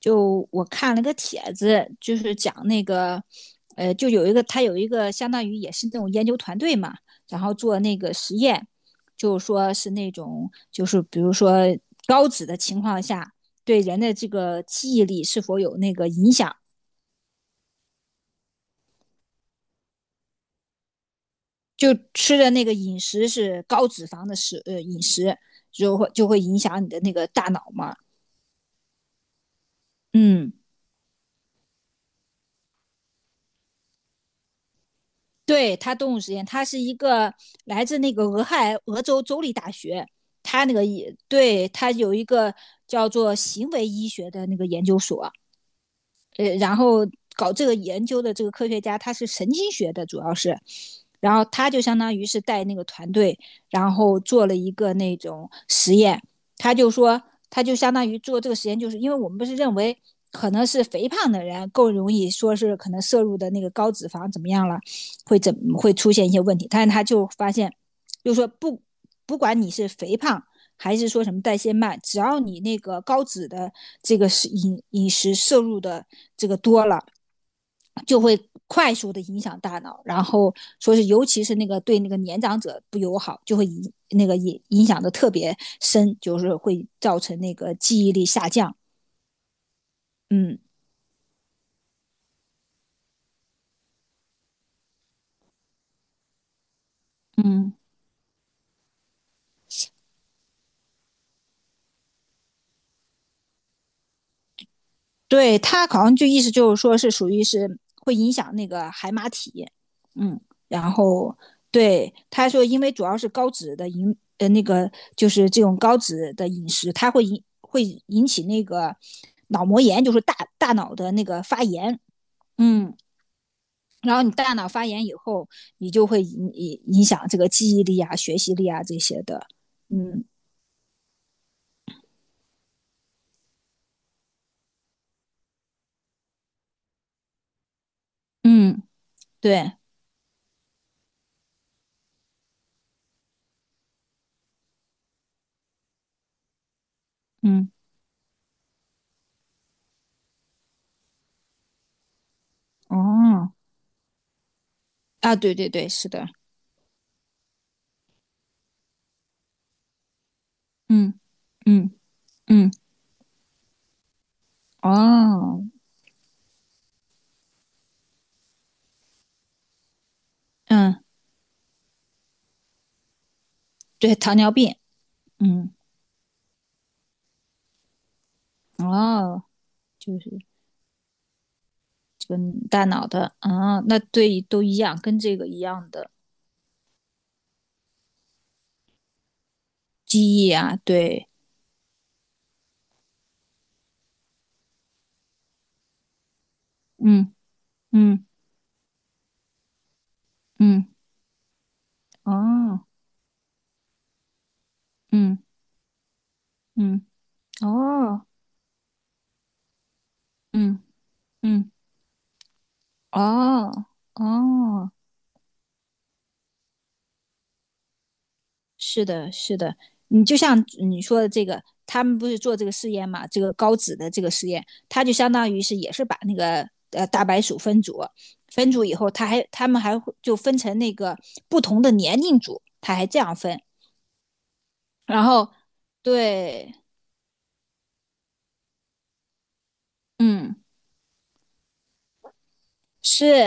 就我看了个帖子，就是讲那个，就有一个他有一个相当于也是那种研究团队嘛，然后做那个实验，就说是那种就是比如说高脂的情况下，对人的这个记忆力是否有那个影响，就吃的那个饮食是高脂肪的饮食，就会影响你的那个大脑嘛，嗯。对他动物实验，他是一个来自那个俄亥俄州州立大学，他那个也对他有一个叫做行为医学的那个研究所，然后搞这个研究的这个科学家，他是神经学的，主要是然后他就相当于是带那个团队，然后做了一个那种实验。他就说，他就相当于做这个实验，就是因为我们不是认为可能是肥胖的人更容易说是可能摄入的那个高脂肪怎么样了，怎么会出现一些问题？但是他就发现，就说不管你是肥胖还是说什么代谢慢，只要你那个高脂的这个是饮食摄入的这个多了，就会快速的影响大脑，然后说是尤其是那个对那个年长者不友好，就会影那个影影响的特别深，就是会造成那个记忆力下降。嗯嗯，对他好像就意思就是说是属于是会影响那个海马体。嗯，然后对他说，因为主要是高脂的那个就是这种高脂的饮食，它会引起那个脑膜炎，就是大脑的那个发炎。嗯，然后你大脑发炎以后，你就会影响这个记忆力啊、学习力啊这些的。嗯嗯，对，嗯哦，啊，对对对，是的，嗯嗯嗯哦，嗯，对，糖尿病，嗯哦，就是这个大脑的啊，那对都一样，跟这个一样的记忆啊，对，嗯嗯嗯哦，嗯嗯哦嗯嗯哦哦。是的，是的，你就像你说的这个，他们不是做这个试验嘛？这个高脂的这个实验，他就相当于是也是把那个大白鼠分组，分组以后，他们还会就分成那个不同的年龄组，他还这样分。然后对，嗯。是，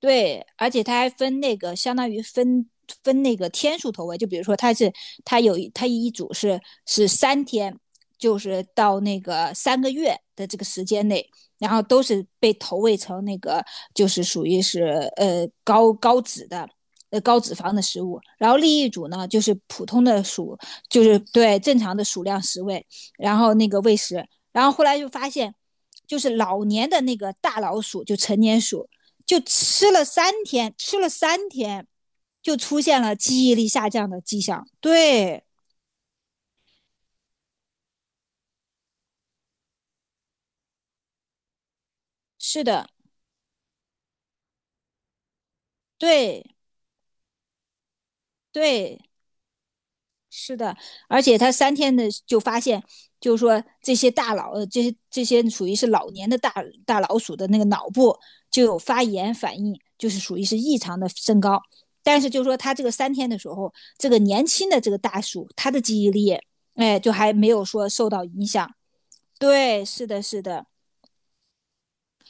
对，而且它还分那个，相当于分那个天数投喂，就比如说它一组是三天，就是到那个3个月的这个时间内，然后都是被投喂成那个就是属于是高脂的。高脂肪的食物，然后另一组呢就是普通的鼠，就是对正常的鼠量食喂，然后那个喂食，然后后来就发现就是老年的那个大老鼠，就成年鼠，就吃了三天，吃了三天，就出现了记忆力下降的迹象。对，是的，对对，是的，而且他三天的就发现，就是说这些这些属于是老年的大老鼠的那个脑部就有发炎反应，就是属于是异常的升高。但是就是说他这个三天的时候，这个年轻的这个大鼠，他的记忆力，哎，就还没有说受到影响。对，是的，是的，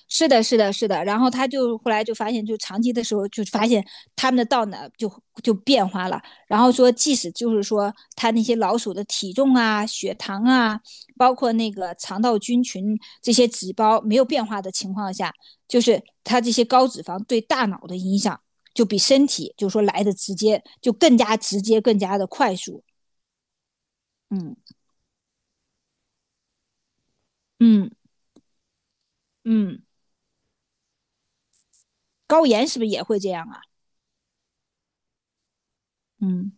是的，是的，是的。然后他就后来就发现，就长期的时候就发现他们的道呢就变化了。然后说，即使就是说他那些老鼠的体重啊、血糖啊，包括那个肠道菌群这些指标没有变化的情况下，就是他这些高脂肪对大脑的影响就比身体就是说来的直接，就更加直接、更加的快速。嗯嗯嗯，高盐是不是也会这样啊？嗯，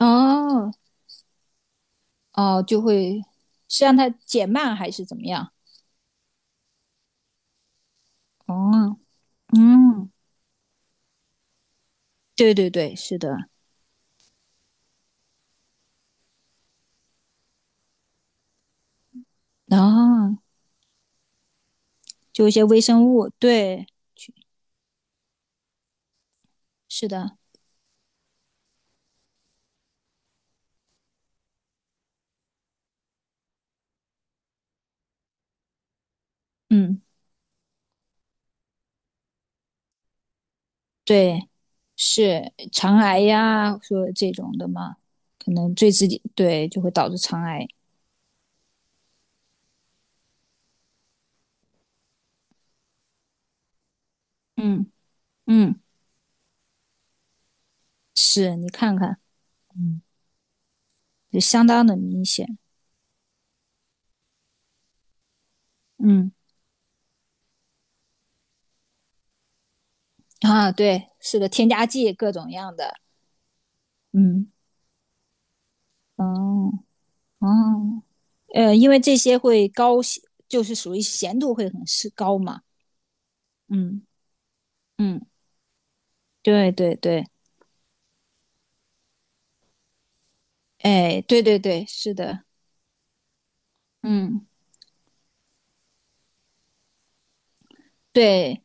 哦。哦，就会是让它减慢还是怎么样？哦，嗯，对对对，是的，哦，就一些微生物，对，是的，嗯，对，是肠癌呀，说这种的嘛，可能对自己对，就会导致肠癌。嗯嗯，是你看看，嗯，就相当的明显。嗯啊，对，是的，添加剂各种样的。嗯，哦哦，因为这些会高就是属于咸度会很是高嘛。嗯嗯，对对对，哎，对对对，是的，嗯，对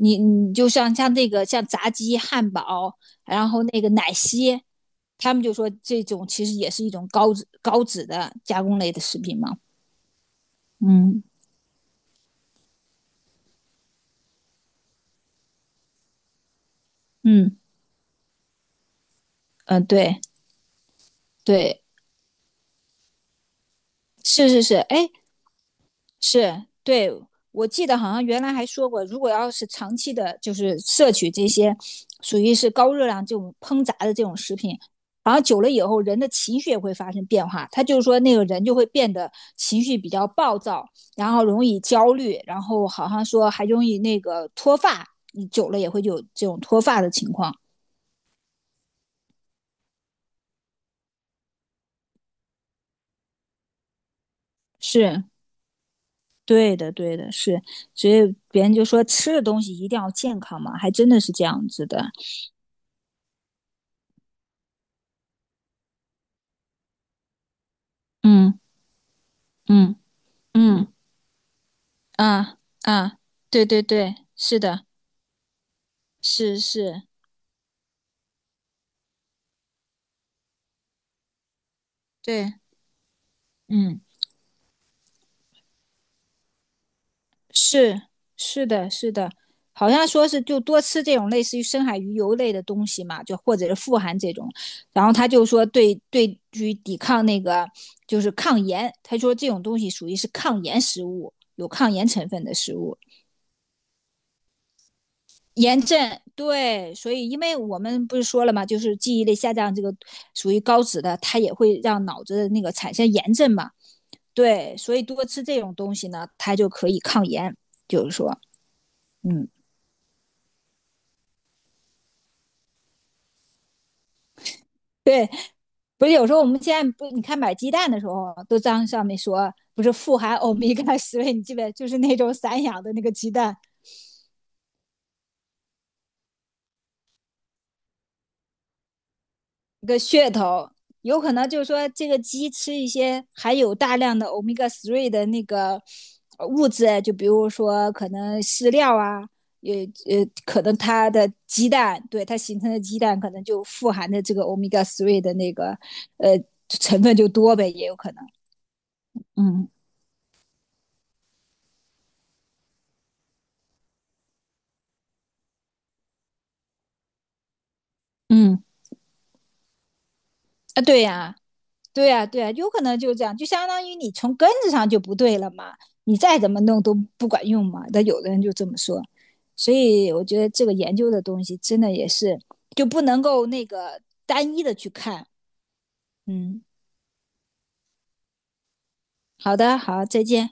你就像那个像炸鸡、汉堡，然后那个奶昔，他们就说这种其实也是一种高脂的加工类的食品嘛。嗯嗯嗯、对对，是是是，哎，是，对，我记得好像原来还说过，如果要是长期的，就是摄取这些属于是高热量这种烹炸的这种食品，好像久了以后，人的情绪也会发生变化。他就是说，那个人就会变得情绪比较暴躁，然后容易焦虑，然后好像说还容易那个脱发，你久了也会有这种脱发的情况。是对的，对的，是。所以别人就说吃的东西一定要健康嘛，还真的是这样子的。嗯嗯嗯。啊啊，对对对，是的，是是，对，嗯，是是的，是的，好像说是就多吃这种类似于深海鱼油类的东西嘛，就或者是富含这种，然后他就说对于抵抗那个就是抗炎，他说这种东西属于是抗炎食物，有抗炎成分的食物。炎症，对，所以因为我们不是说了嘛，就是记忆力下降这个属于高脂的，它也会让脑子的那个产生炎症嘛。对，所以多吃这种东西呢，它就可以抗炎。就是说，嗯，对，不是有时候我们现在不，你看买鸡蛋的时候，都在上面说不是富含欧米伽十位，你记不记得？就是那种散养的那个鸡蛋，一个噱头，有可能就是说这个鸡吃一些含有大量的欧米伽 three 的那个物质，就比如说可能饲料啊，也可能它的鸡蛋，对它形成的鸡蛋可能就富含的这个欧米伽 three 的那个呃成分就多呗，也有可能。嗯嗯啊，对呀、啊对呀、啊对呀、啊有可能就这样，就相当于你从根子上就不对了嘛，你再怎么弄都不管用嘛。但有的人就这么说，所以我觉得这个研究的东西真的也是就不能够那个单一的去看。嗯，好的，好，再见。